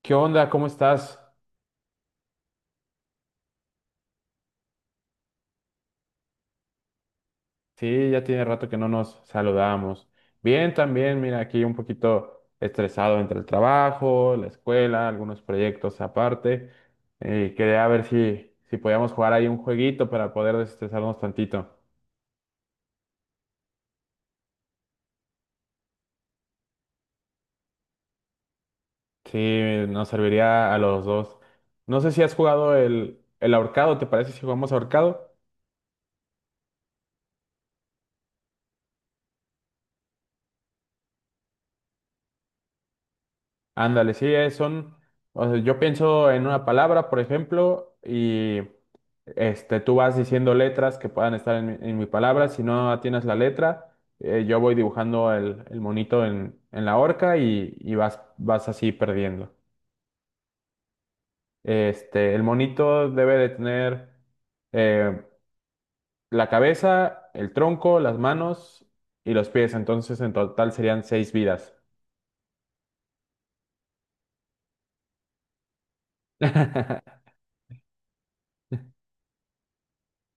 ¿Qué onda? ¿Cómo estás? Sí, ya tiene rato que no nos saludamos. Bien, también, mira, aquí un poquito estresado entre el trabajo, la escuela, algunos proyectos aparte. Y quería ver si podíamos jugar ahí un jueguito para poder desestresarnos tantito. Sí, nos serviría a los dos. No sé si has jugado el ahorcado, ¿te parece si jugamos ahorcado? Ándale, sí, o sea, yo pienso en una palabra, por ejemplo, y tú vas diciendo letras que puedan estar en mi palabra. Si no tienes la letra, yo voy dibujando el monito en la horca y vas así perdiendo. El monito debe de tener eh, la cabeza, el tronco, las manos y los pies. Entonces, en total serían seis vidas.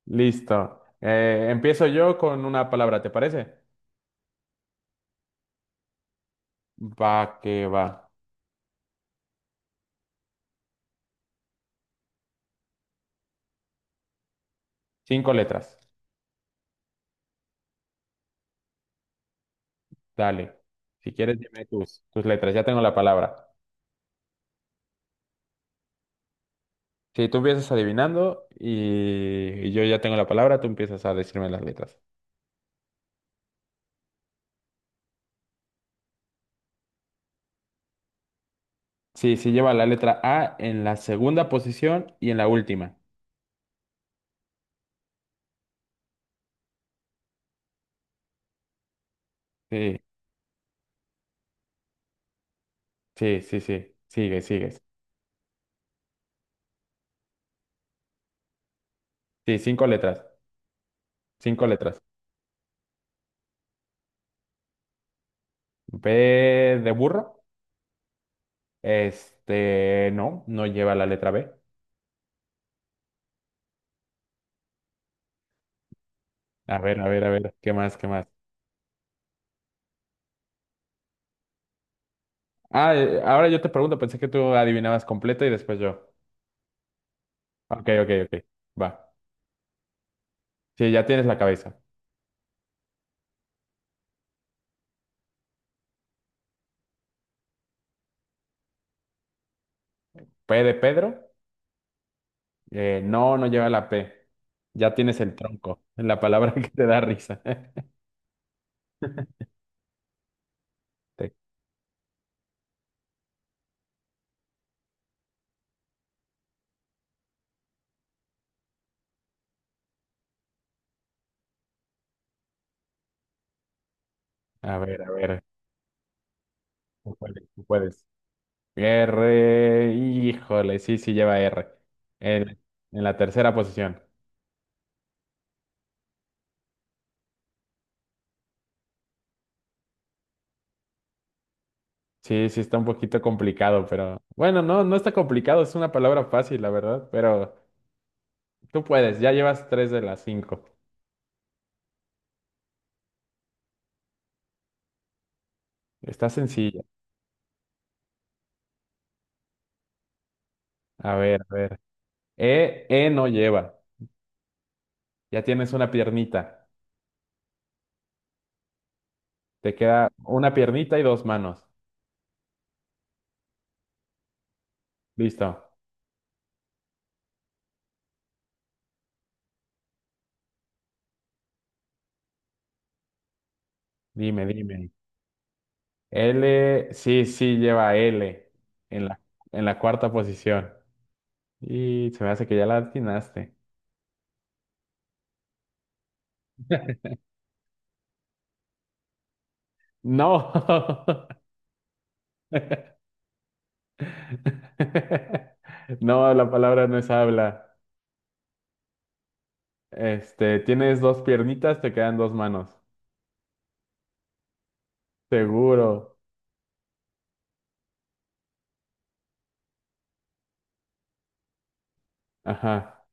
Listo. Empiezo yo con una palabra, ¿te parece? Va que va. Cinco letras. Dale. Si quieres, dime tus letras. Ya tengo la palabra. Si tú empiezas adivinando y yo ya tengo la palabra, tú empiezas a decirme las letras. Sí, sí lleva la letra A en la segunda posición y en la última. Sí, sí, sí, sí. Sigue, sigues. Sí, cinco letras. Cinco letras. B de burro. No, no lleva la letra B. A ver, a ver, a ver, ¿qué más, qué más? Ah, ahora yo te pregunto, pensé que tú adivinabas completa y después yo. Ok, ok, ok, va. Sí, ya tienes la cabeza. P de Pedro, no, no lleva la P. Ya tienes el tronco, la palabra que te da risa. Te- a ver, tú puedes, tú puedes. R, híjole, sí, sí lleva R. En, en la tercera posición. Sí, sí está un poquito complicado, pero bueno, no, no está complicado, es una palabra fácil, la verdad, pero... Tú puedes, ya llevas tres de las cinco. Está sencilla. A ver, a ver. E, E no lleva. Ya tienes una piernita. Te queda una piernita y dos manos. Listo. Dime, dime. L, sí, sí, lleva L en la, en la cuarta posición. Y se me hace que ya la atinaste. No. No, la palabra no es habla. Tienes dos piernitas, te quedan dos manos. Seguro. Ajá.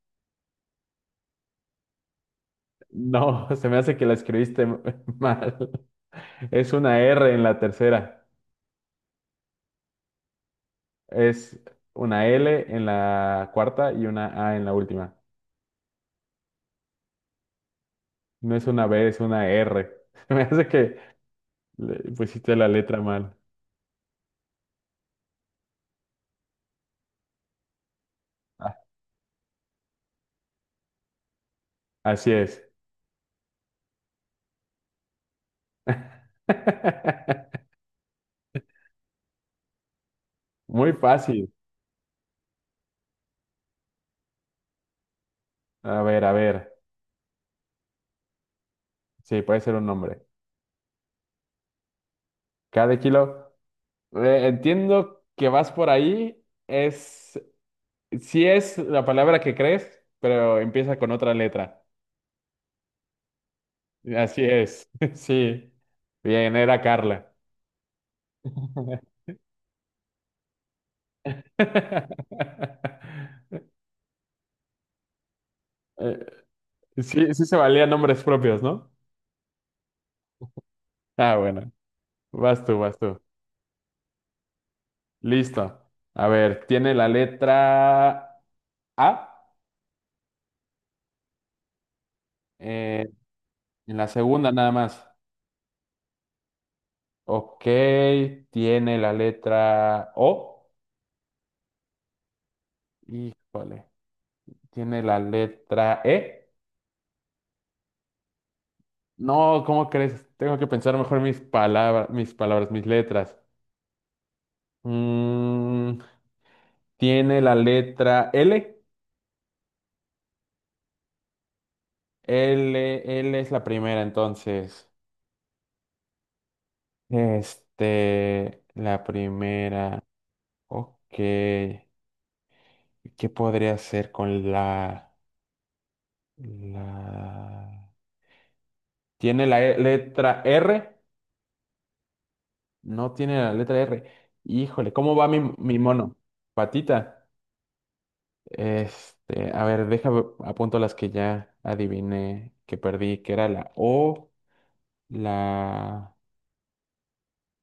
No, se me hace que la escribiste mal. Es una R en la tercera. Es una L en la cuarta y una A en la última. No es una B, es una R. Se me hace que le pusiste la letra mal. Ah, así es. Muy fácil. A ver, a ver. Sí, puede ser un nombre. Cada kilo. Entiendo que vas por ahí. Sí es la palabra que crees, pero empieza con otra letra. Así es, sí. Bien, era Carla. Eh, Sí, sí se valían nombres propios, ¿no? Ah, bueno. Vas tú, vas tú. Listo. A ver, tiene la letra A eh, en la segunda nada más. Ok, tiene la letra O. Híjole, tiene la letra E. No, ¿cómo crees? Tengo que pensar mejor mis palabras, mis palabras, mis letras. Mm, Tiene la letra L. L, L es la primera, entonces. La primera. Ok. ¿Qué podría hacer con la. ¿Tiene la letra R? No tiene la letra R. Híjole, ¿cómo va mi mono? Patita. A ver, deja, apunto las que ya adiviné, que perdí, que era la O, la...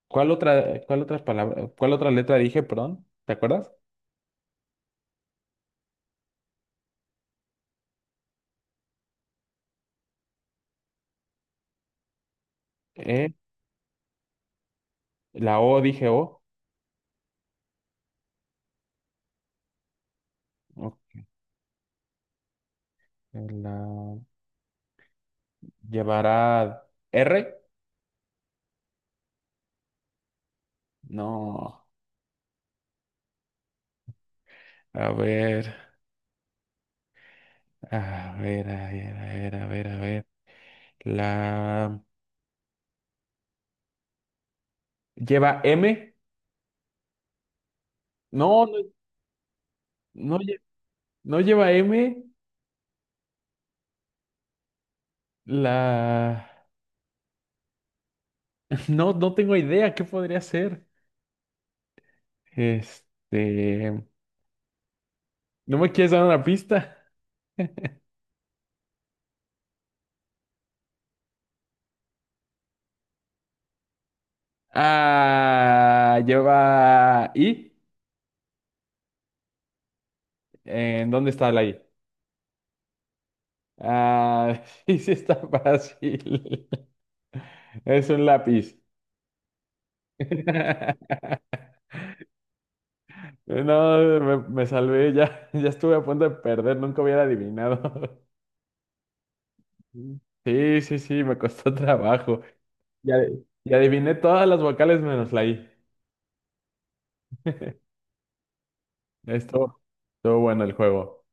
¿Cuál otra, cuál otras palabra, cuál otra letra dije, perdón? ¿Te acuerdas? Eh, la O dije O. Ok, la llevará R. No. A ver, a ver, a ver, a ver, a ver, a ver. La lleva M. No, no, no, no lleva M. La no, no tengo idea qué podría ser. Este, ¿No me quieres dar una pista? Ah, lleva I. ¿En dónde está la I? Ah, sí, sí está fácil. Es un lápiz. No, me salvé, ya, ya estuve a punto de perder, nunca hubiera adivinado. Sí, sí, sí, me costó trabajo. Y adiviné todas las vocales menos la I. Esto, estuvo bueno el juego.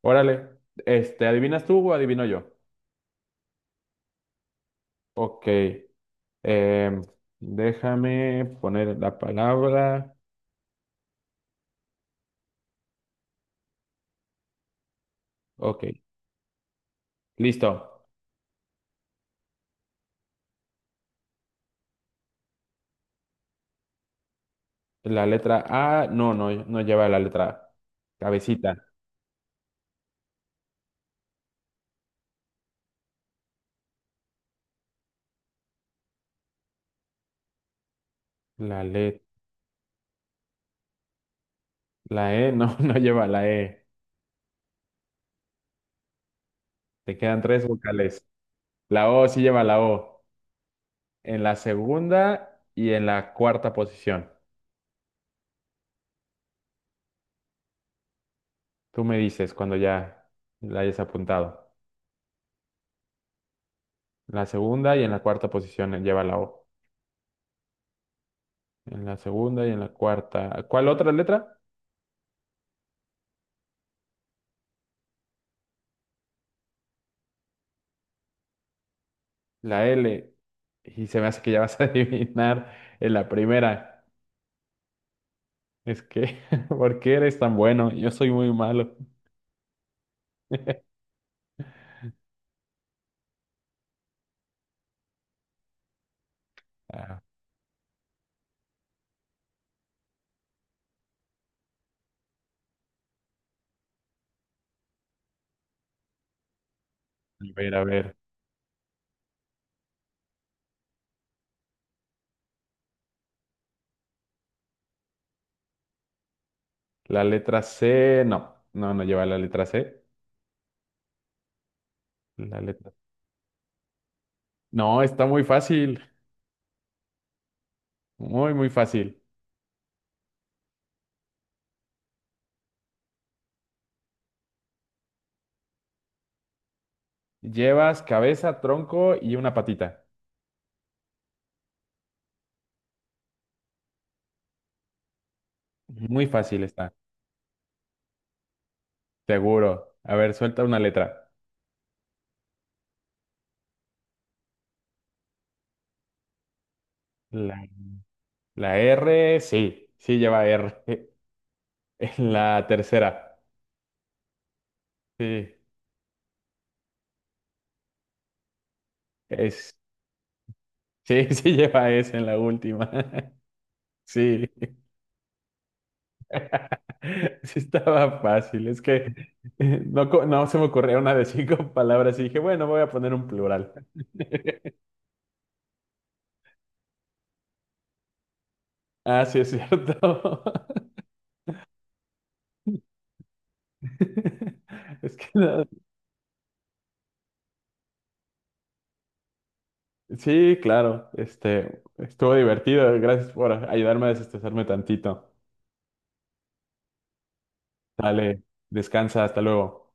Órale, ¿adivinas tú o adivino yo? Ok. Em, déjame poner la palabra. Ok, listo. La letra A, no, no, no lleva la letra A. Cabecita. La le- la E, no, no lleva la E. Te quedan tres vocales. La O sí lleva la O. En la segunda y en la cuarta posición. Tú me dices cuando ya la hayas apuntado. La segunda y en la cuarta posición lleva la O. En la segunda y en la cuarta. ¿Cuál otra letra? La L. Y se me hace que ya vas a adivinar en la primera. Es que, ¿por qué eres tan bueno? Yo soy muy malo. Ah, a ver, a ver. La letra C, no, no, no lleva la letra C. La letra. No, está muy fácil, muy, muy fácil. Llevas cabeza, tronco y una patita. Muy fácil está, seguro. A ver, suelta una letra. La, la R, sí, sí lleva R. En la tercera, sí, es, sí, sí lleva S en la última. Sí. Sí estaba fácil, es que no, no se me ocurrió una de cinco palabras y dije, bueno, voy a poner un plural. Ah, sí, es cierto. Es que no- sí, claro, estuvo divertido. Gracias por ayudarme a desestresarme tantito. Dale, descansa, hasta luego.